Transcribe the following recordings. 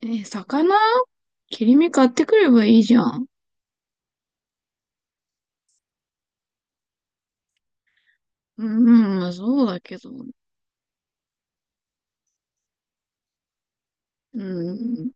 え、魚切り身買ってくればいいじゃん。うん、まあそうだけど。うん。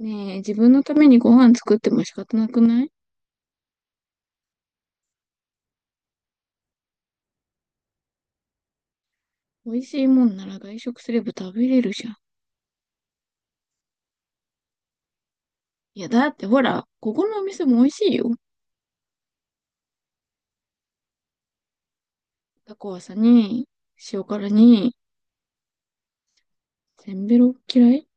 ねえ、自分のためにご飯作っても仕方なくない？美味しいもんなら外食すれば食べれるじゃん。いや、だってほら、ここのお店も美味しいよ。タコワサに、塩辛に、せんべろ嫌い？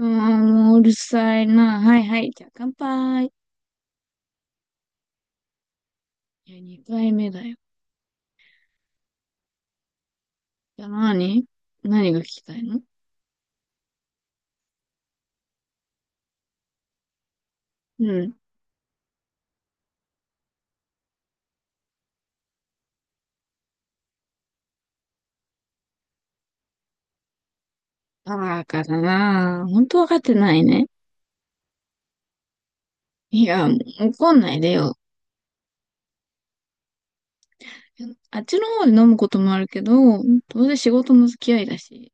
ああもううるさいな。はいはい。じゃあ乾杯。いや、二回目だよ。じゃあ何が聞きたいの？うん。バカだな。本当わかってないね。いや、怒んないでよ。あっちの方で飲むこともあるけど、どうせ仕事の付き合いだし、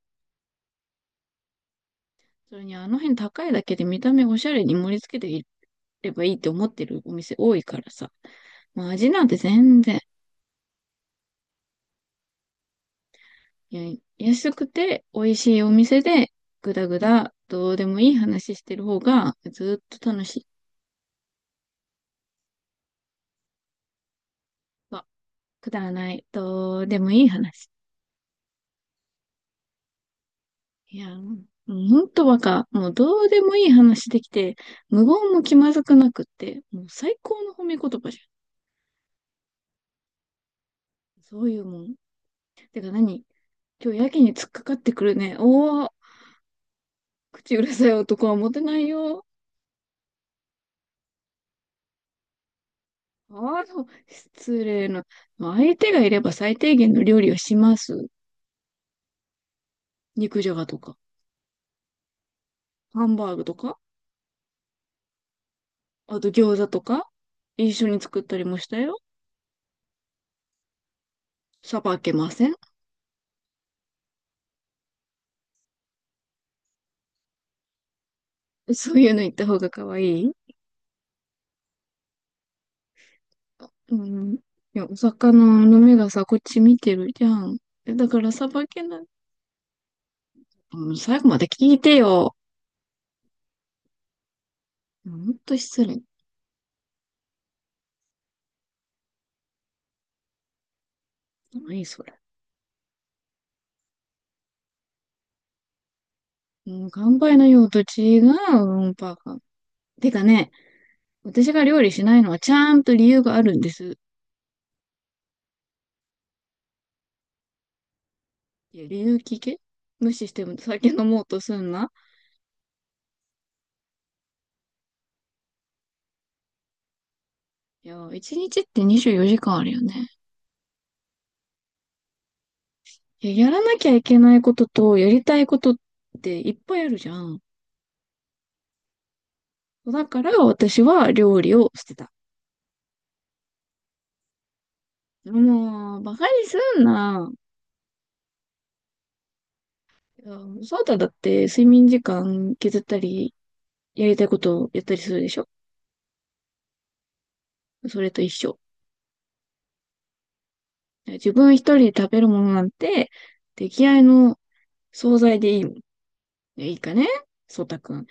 それにあの辺高いだけで見た目おしゃれに盛り付けていればいいって思ってるお店多いからさ。まあ味なんて全然、いや安くて美味しいお店で、ぐだぐだどうでもいい話してる方がずっと楽しい。まあくだらない、どうでもいい話。いや、もうんほんとバカ。もうどうでもいい話できて、無言も気まずくなくって、もう最高の褒め言葉じゃん。そういうもん。てか何？今日やけに突っかかってくるね。おお、口うるさい男はモテないよ。ああ、そう失礼な。相手がいれば最低限の料理をします。肉じゃがとか、ハンバーグとか、あと餃子とか、一緒に作ったりもしたよ。さばけません。そういうの言った方が可愛い？うん。いや、お魚の目がさ、こっち見てるじゃん。えだからさばけない。うん、最後まで聞いてよ。ほんと失礼。何それ。うん、乾杯の用途違う、うんぱてか、私が料理しないのはちゃんと理由があるんです。いや、理由聞け。無視しても酒飲もうとすんな。いや、一日って24時間あるよね。いや、やらなきゃいけないことと、やりたいことっていっぱいあるじゃん。だから私は料理を捨てた。もう、バカにすんな。いやそうただって睡眠時間削ったり、やりたいことをやったりするでしょ？それと一緒。自分一人で食べるものなんて、出来合いの惣菜でいいもん。いいかね、そうたくん。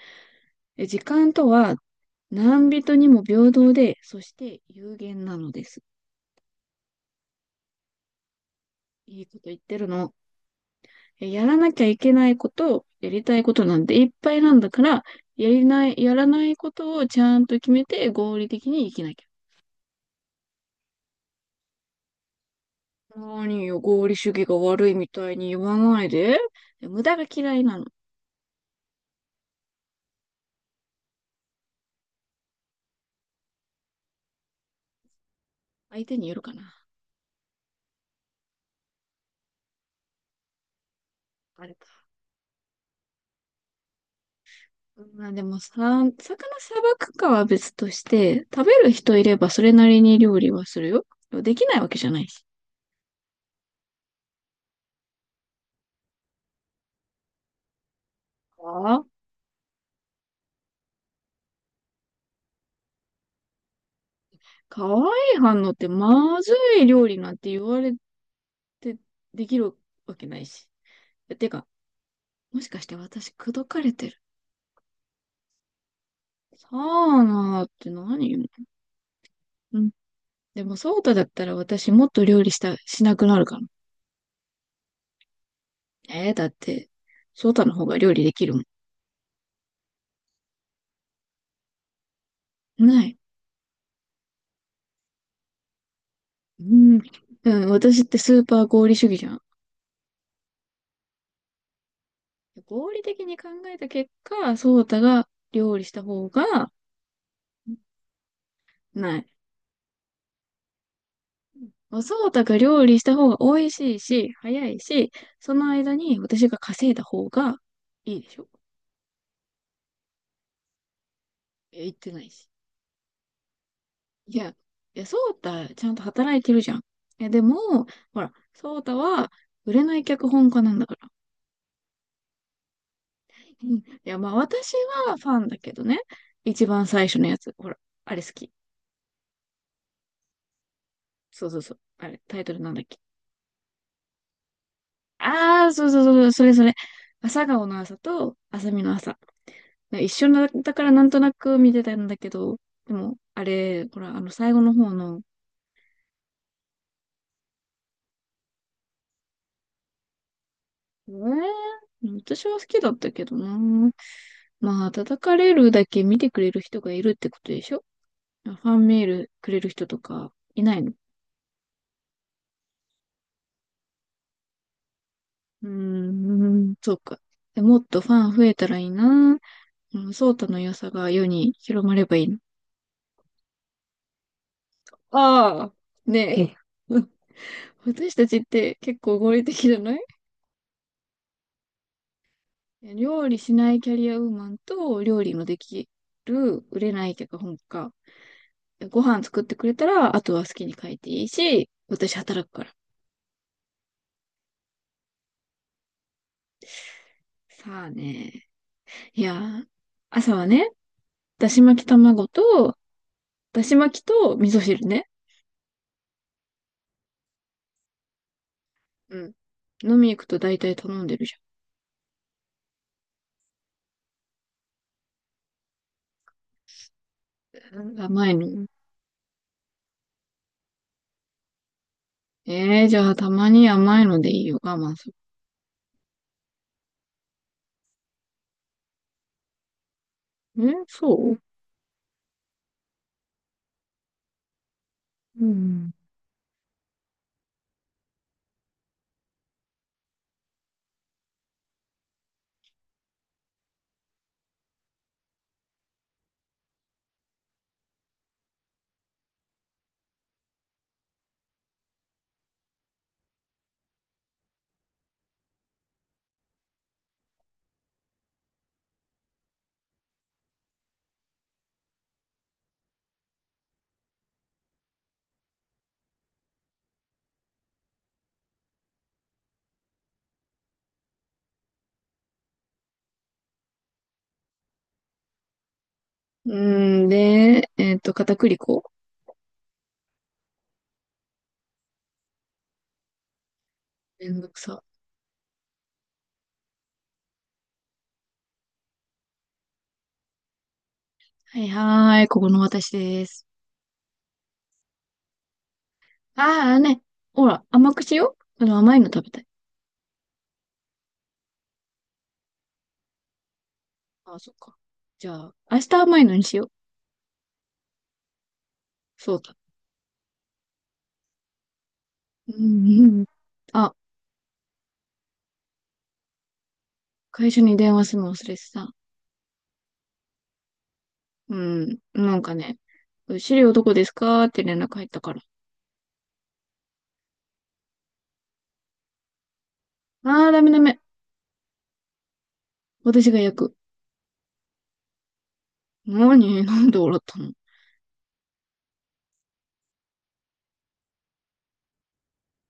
え、時間とは、何人にも平等で、そして有限なのです。いいこと言ってるの。やらなきゃいけないこと、やりたいことなんていっぱいなんだから、やらないことをちゃんと決めて合理的に生きなきゃ。何よ、合理主義が悪いみたいに言わないで。無駄が嫌いなの。相手によるかな。あれか。うんまあでもさ、魚さばくかは別として、食べる人いればそれなりに料理はするよ。できないわけじゃないし。ああ、かわいい反応ってまずい料理なんて言われてできるわけないし。てか、もしかして私口説かれてる？さあなーって何よ。うん。でも、そうただったら私もっと料理した、しなくなるかな。えー、だって、ソータの方が料理できるもん。ない。うん。うん、私ってスーパー合理主義じゃん。合理的に考えた結果、ソータが料理した方が、ない。ソータが料理した方が美味しいし、早いし、その間に私が稼いだ方がいいでしょ。え、言ってないし。いや、ソータちゃんと働いてるじゃん。え、でも、ほら、ソータは売れない脚本家なんだから。うんいや、まあ私はファンだけどね。一番最初のやつ。ほら、あれ好き。そうそうそう。あれ、タイトルなんだっけ。ああ、そうそうそう、それそれ。朝顔の朝と朝見の朝。一緒なだからなんとなく見てたんだけど、でも、あれ、ほら、最後の方の、えー、私は好きだったけどな。まあ、叩かれるだけ見てくれる人がいるってことでしょ？ファンメールくれる人とかいないの？うーん、そうか。でもっとファン増えたらいいな。うん、ソータの良さが世に広まればいいな。ああ、ねえ。うん、私たちって結構合理的じゃない？料理しないキャリアウーマンと料理のできる売れない脚本家。ご飯作ってくれたら、あとは好きに書いていいし、私働くから。さあね。いやー、朝はね、だし巻き卵と、だし巻きと味噌汁ね。うん。飲み行くと大体頼んでるじゃん。甘いの。えー、じゃあたまに甘いのでいいよ。我慢する。え、そう？うん。うん、で、片栗粉。めんどくさ。はいはーい、ここの私です。ああね、ほら、甘くしよう。甘いの食べたい。ああ、そっか。じゃあ、明日甘いのにしよう。そうだ。うん、うん。あ、会社に電話するの忘れてた。うん、なんかね、資料どこですかって連絡入ったから。ああ、ダメダメ。私が焼く。何？ なんで笑った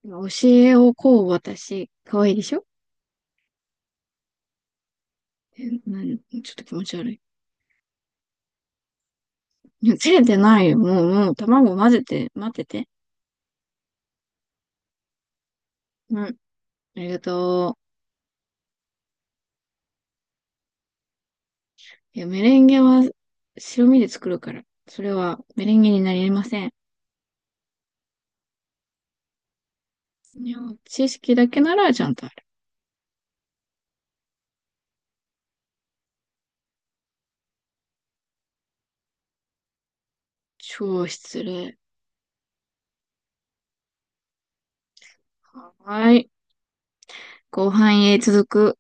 の？教えをこう私。可愛いでしょ？え、何ちょっと気持ち悪い。いや、照れてないよ。もう、もう、卵混ぜて、待ってて。うん。ありがとう。いや、メレンゲは白身で作るから。それはメレンゲになりません。いや、知識だけならちゃんとある。超失礼。はーい。後半へ続く。